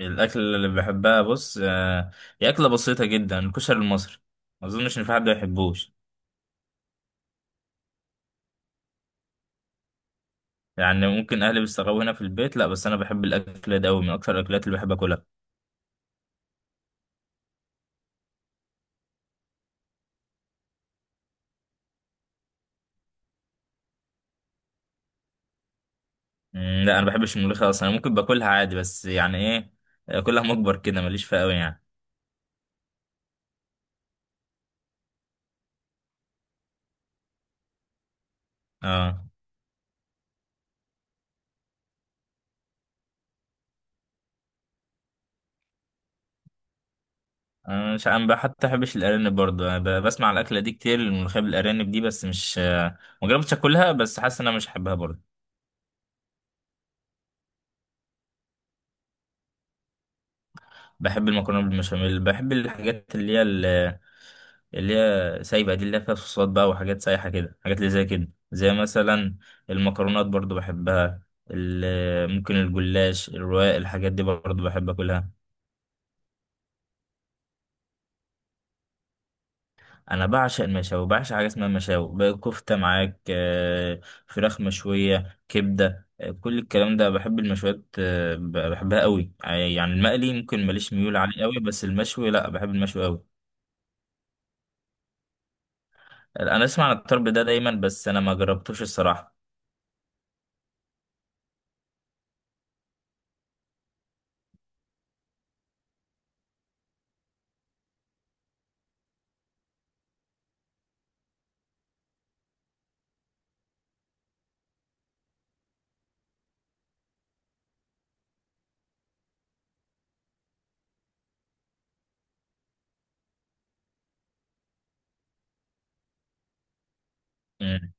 الاكل اللي بحبها بص هي اكله بسيطه جدا، الكشري المصري. ما اظنش ان في حد ما يحبوش. يعني ممكن اهلي بيستغربوا هنا في البيت، لا بس انا بحب الاكل ده قوي، من اكتر الاكلات اللي بحب اكلها. لا انا ما بحبش الملوخيه اصلا، أنا ممكن باكلها عادي بس يعني ايه، اكلها مجبر كده ماليش فيها قوي يعني. اه. انا مش، انا بقى حتى بحبش الارانب برضه، انا بسمع على الاكله دي كتير، الملوخيه بالارانب دي، بس مش، ما جربتش اكلها، بس حاسس ان انا مش هحبها برضه. بحب المكرونه بالبشاميل، بحب الحاجات اللي هي سايبة دي، اللي هي فيها صوصات بقى وحاجات سايحة كده، حاجات اللي زي كده زي مثلا المكرونات برضو بحبها. ممكن الجلاش الرواق الحاجات دي برضو بحب اكلها. انا بعشق المشاوي، بعشق حاجة اسمها مشاوي بقى، كفتة معاك، فراخ مشوية، كبدة، كل الكلام ده بحب المشويات، بحبها قوي، يعني المقلي ممكن ماليش ميول عليه قوي، بس المشوي لا بحب المشوي قوي. انا اسمع عن الطرب ده دايما، بس انا ما جربتوش الصراحة. مم.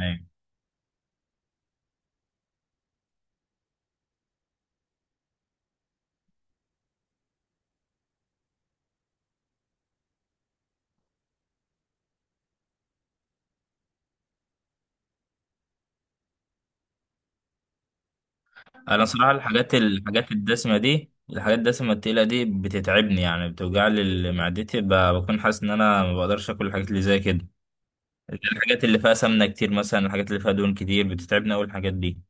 أيوة. انا صراحه الحاجات الدسمه التقيله دي بتتعبني، يعني بتوجع لي معدتي، بكون حاسس ان انا ما بقدرش اكل الحاجات اللي زي كده. الحاجات اللي فيها سمنه كتير مثلا، الحاجات اللي فيها دهون كتير، بتتعبني اول الحاجات دي.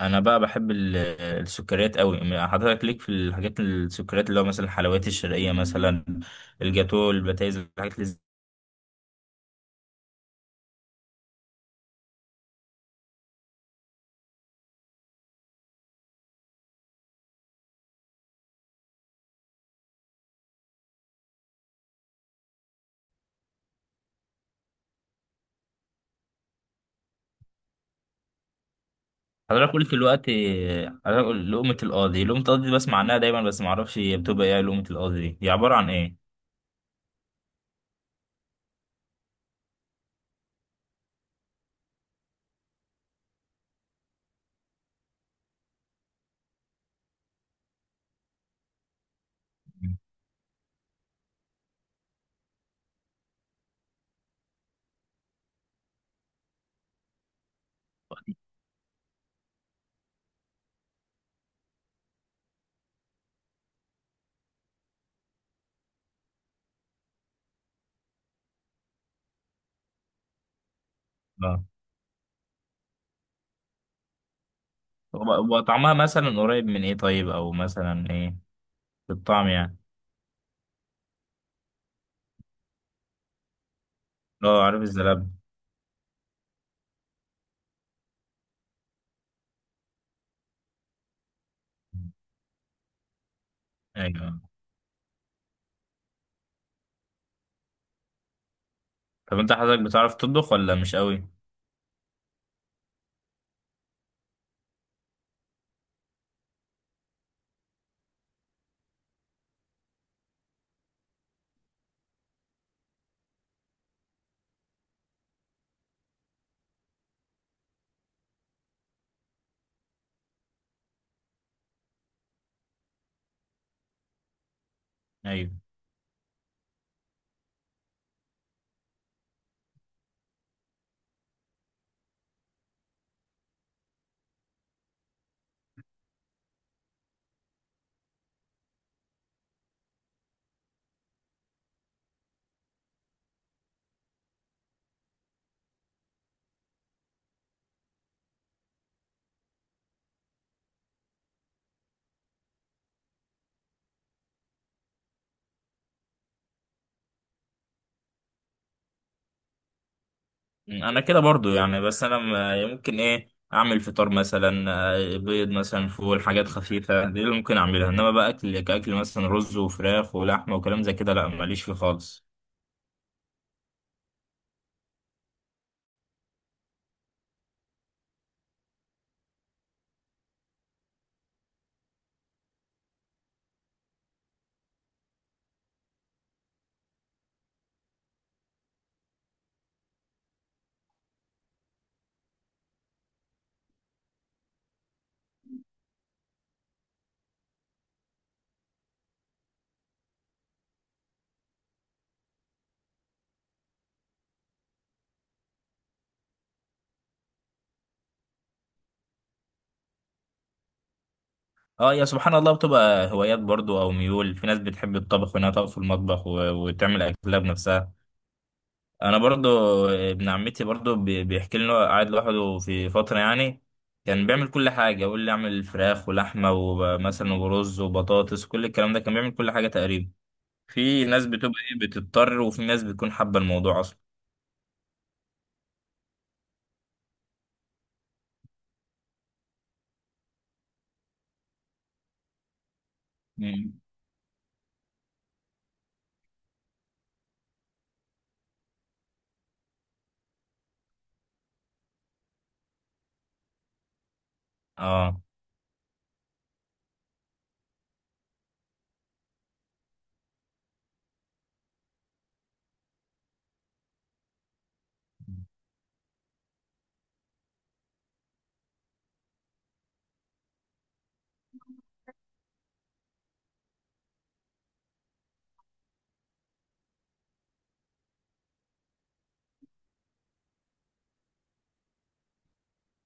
انا بقى بحب السكريات قوي، حضرتك ليك في الحاجات السكريات اللي هو مثلا الحلويات الشرقيه مثلا، الجاتو، البتايز، الحاجات اللي زي-. حضرتك قلت دلوقتي حضرتك قلت لقمه القاضي، لقمه القاضي دي بسمع عنها دايما بس ما اعرفش هي بتبقى ايه، لقمه القاضي دي هي عباره عن ايه؟ هو طعمها مثلا قريب من ايه طيب، او مثلا ايه في الطعم يعني؟ اه عارف الزلاب. ايوه. طب انت حضرتك بتعرف تطبخ ولا مش قوي؟ ايوه. انا كده برضو يعني، بس انا ممكن ايه اعمل فطار مثلا، بيض مثلا، فول، حاجات خفيفه دي اللي ممكن اعملها، انما بقى اكل كاكل مثلا رز وفراخ ولحمه وكلام زي كده، لا ماليش فيه خالص. اه يا سبحان الله، بتبقى هوايات برضو او ميول، في ناس بتحب الطبخ وانها تقف في المطبخ وتعمل اكلها بنفسها. انا برضو، ابن عمتي برضو بيحكي لي إن هو قاعد لوحده في فتره يعني، كان بيعمل كل حاجه، يقول لي اعمل فراخ ولحمه ومثلا ورز وبطاطس، كل الكلام ده كان بيعمل كل حاجه تقريبا. في ناس بتبقى ايه بتضطر، وفي ناس بتكون حابه الموضوع اصلا. مم. اه.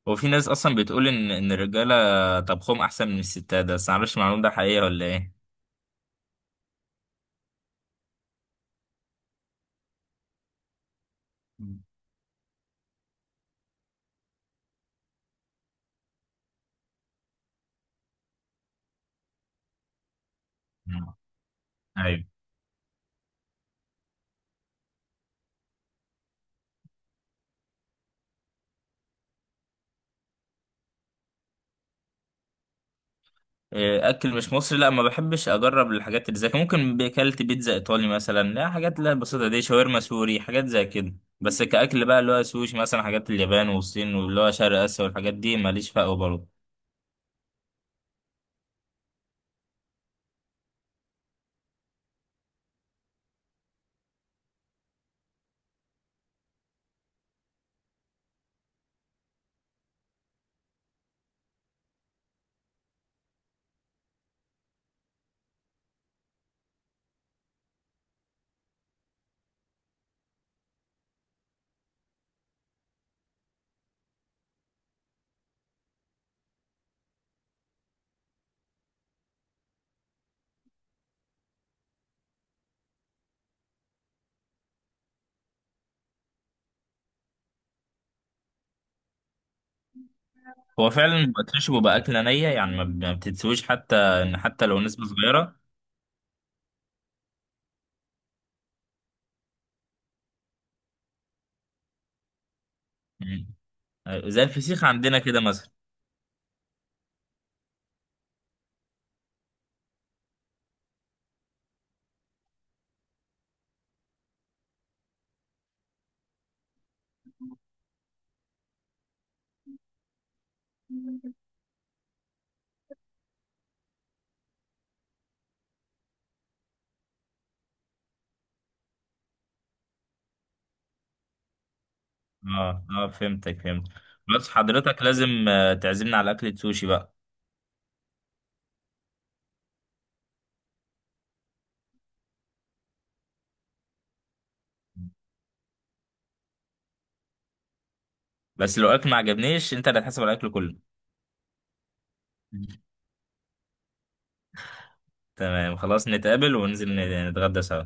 وفي ناس اصلا بتقول ان الرجاله طبخهم احسن من الستات، ده بس معرفش المعلومه ده حقيقه ولا ايه. مم. ايوه. إيه، اكل مش مصري، لا ما بحبش اجرب الحاجات اللي زي كده، ممكن اكلت بيتزا ايطالي مثلا، لا حاجات لا بسيطه دي، شاورما سوري حاجات زي كده، بس كاكل بقى اللي هو سوشي مثلا، حاجات اليابان والصين واللي هو شرق اسيا والحاجات دي ماليش فقه برضه. هو فعلا بيبقى ترش وبيبقى اكله نيه يعني، ما بتتسويش حتى، ان حتى لو نسبه صغيره. مم. زي الفسيخ عندنا كده مثلا. اه اه فهمتك، فهمت. بس حضرتك لازم، تعزمنا على اكله سوشي بقى. بس لو اكل ما عجبنيش انت اللي هتحاسب على الاكل كله. تمام خلاص، نتقابل وننزل نتغدى سوا.